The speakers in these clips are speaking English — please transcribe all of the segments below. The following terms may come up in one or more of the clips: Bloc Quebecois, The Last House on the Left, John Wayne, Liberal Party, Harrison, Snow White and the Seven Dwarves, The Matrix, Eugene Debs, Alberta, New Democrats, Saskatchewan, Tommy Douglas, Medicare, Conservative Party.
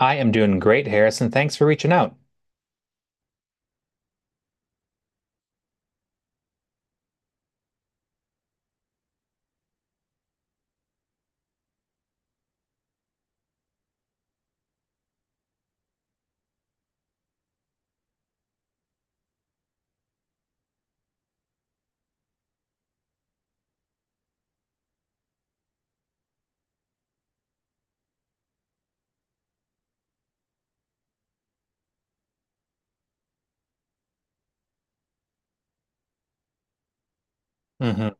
I am doing great, Harrison. Thanks for reaching out. hmm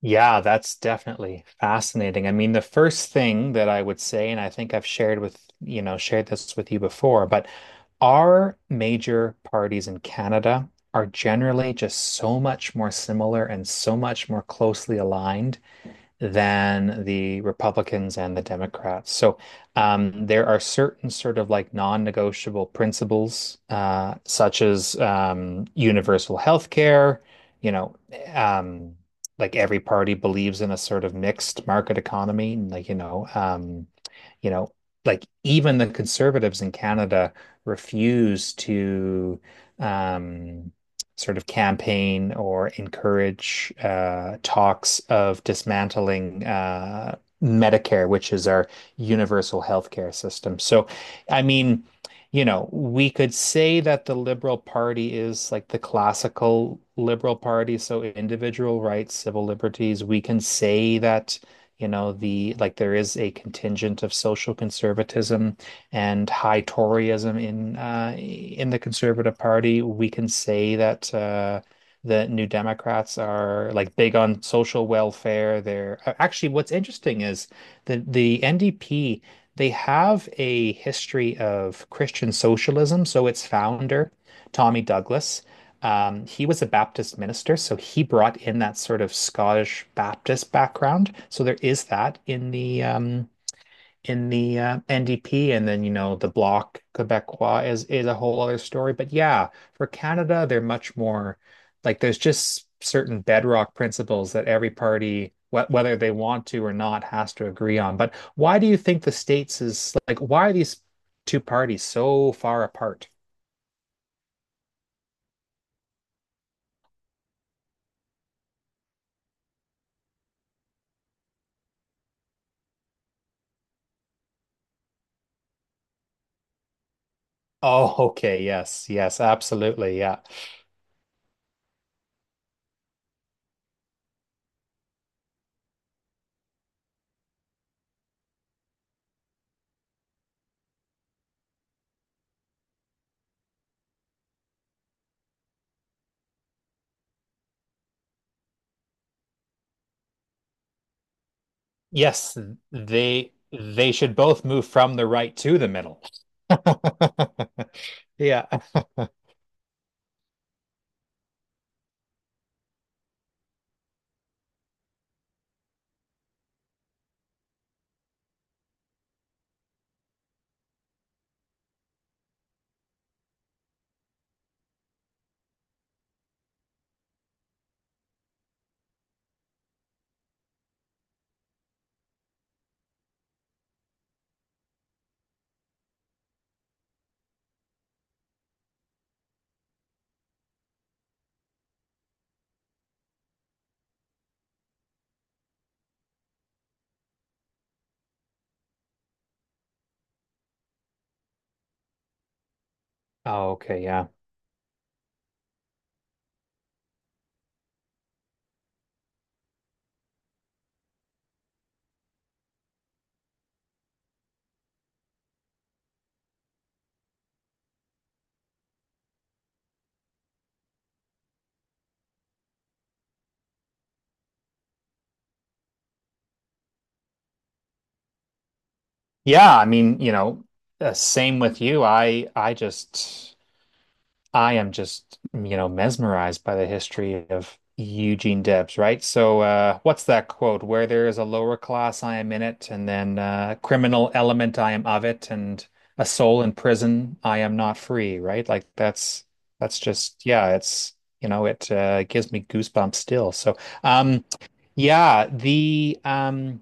Yeah, that's definitely fascinating. I mean, the first thing that I would say, and I think I've shared this with you before, but our major parties in Canada are generally just so much more similar and so much more closely aligned than the Republicans and the Democrats. So there are certain sort of like non-negotiable principles, such as universal health care. you know, um, like every party believes in a sort of mixed market economy, and, like, you know, like even the conservatives in Canada refuse to um sort of campaign or encourage talks of dismantling Medicare, which is our universal healthcare system. So, I mean, you know, we could say that the Liberal Party is like the classical Liberal Party, so individual rights, civil liberties. We can say that, you know, the like there is a contingent of social conservatism and high Toryism in in the Conservative Party. We can say that the New Democrats are like big on social welfare. They're actually, what's interesting is the NDP, they have a history of Christian socialism. So its founder, Tommy Douglas, he was a Baptist minister, so he brought in that sort of Scottish Baptist background. So there is that in the NDP, and then, you know, the Bloc Quebecois is a whole other story. But yeah, for Canada, they're much more like there's just certain bedrock principles that every party, wh whether they want to or not, has to agree on. But why do you think the states is like, why are these two parties so far apart? Oh, okay. Yes, yes, absolutely. Yeah. Yes, they should both move from the right to the middle. Yeah. Oh, okay, yeah. Yeah, I mean, you know, same with you. I am just, you know, mesmerized by the history of Eugene Debs, right? So, what's that quote? Where there is a lower class, I am in it, and then criminal element, I am of it, and a soul in prison, I am not free, right? Like that's just, yeah, it's, you know, it gives me goosebumps still. So, um yeah, the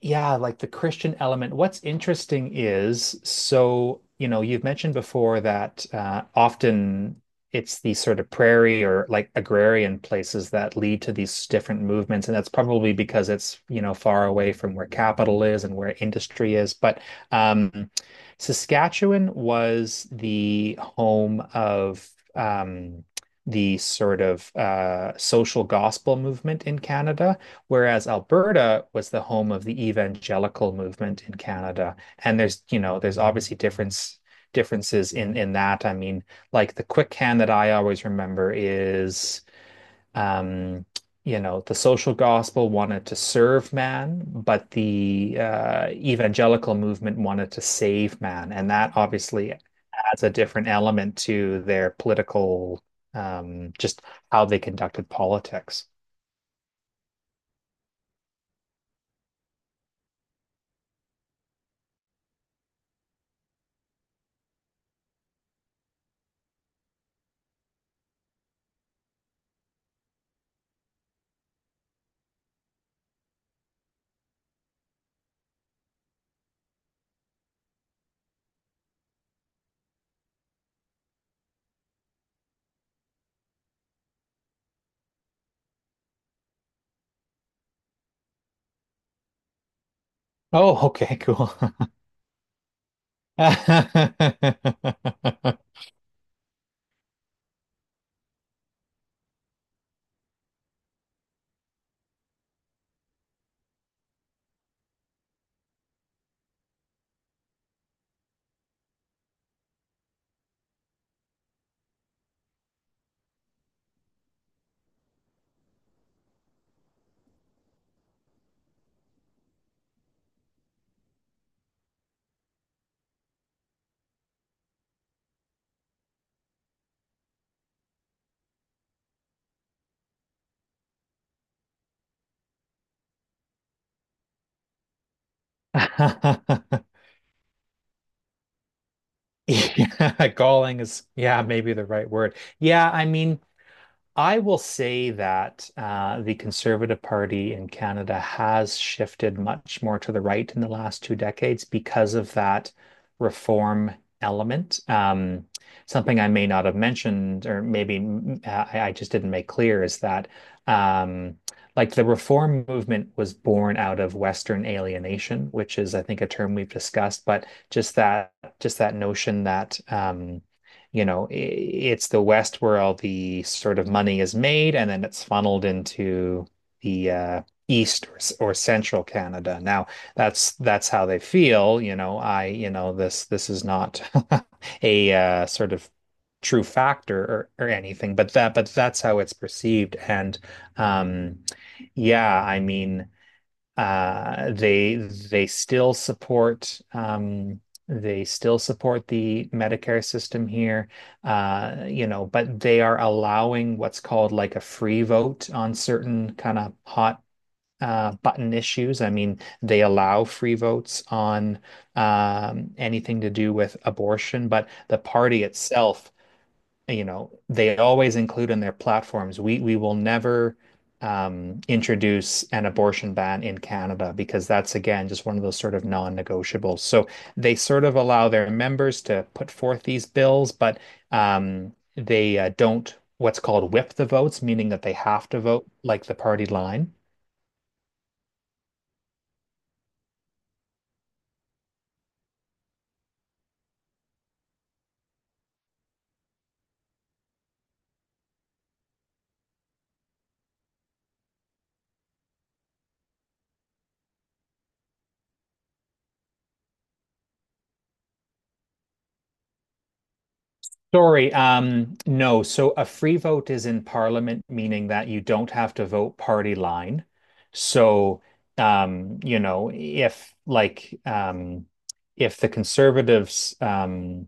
yeah, like the Christian element. What's interesting is, so, you know, you've mentioned before that often it's these sort of prairie or like agrarian places that lead to these different movements. And that's probably because it's, you know, far away from where capital is and where industry is. But um, Saskatchewan was the home of um, the sort of social gospel movement in Canada. Whereas Alberta was the home of the evangelical movement in Canada. And there's, you know, there's obviously differences in that. I mean, like the quick hand that I always remember is, um, you know, the social gospel wanted to serve man, but the evangelical movement wanted to save man. And that obviously adds a different element to their political, just how they conducted politics. Oh, okay, cool. Yeah, galling is, yeah, maybe the right word. Yeah, I mean, I will say that the Conservative Party in Canada has shifted much more to the right in the last two decades because of that reform element. Something I may not have mentioned, or maybe I just didn't make clear, is that, um, like, the reform movement was born out of Western alienation, which is, I think, a term we've discussed, but just that notion that, you know, it's the West where all the sort of money is made, and then it's funneled into the East or, or Central Canada. Now, that's how they feel. You know, this is not a, sort of, true factor or anything, but that's how it's perceived. And, um, yeah, I mean. They still support, they still support the Medicare system here, you know, but they are allowing what's called like a free vote on certain kind of hot, button issues. I mean, they allow free votes on, anything to do with abortion, but the party itself, you know, they always include in their platforms, we will never, introduce an abortion ban in Canada, because that's, again, just one of those sort of non-negotiables. So they sort of allow their members to put forth these bills, but, they don't, what's called, whip the votes, meaning that they have to vote like the party line. Sorry, no. So a free vote is in parliament, meaning that you don't have to vote party line. So, you know, if the conservatives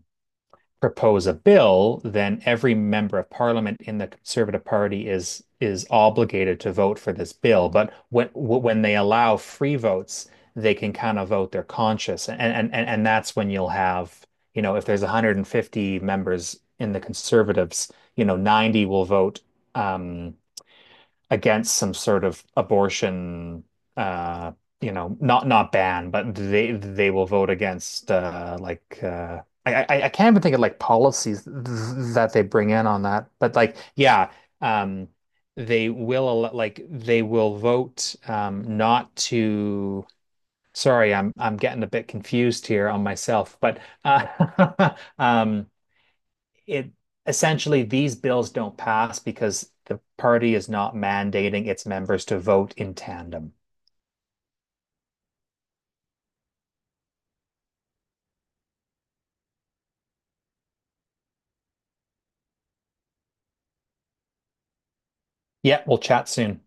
propose a bill, then every member of parliament in the Conservative Party is obligated to vote for this bill. But when they allow free votes, they can kind of vote their conscience, and that's when you'll have, you know, if there's 150 members in the Conservatives, you know, 90 will vote Um, against some sort of abortion, uh, you know, not, not ban. But they will vote against, I can't even think of like policies th that they bring in on that, but like, yeah, um, they will like they will vote, not to. Sorry, I'm getting a bit confused here on myself, but, uh, um, it essentially these bills don't pass because the party is not mandating its members to vote in tandem. Yeah, we'll chat soon.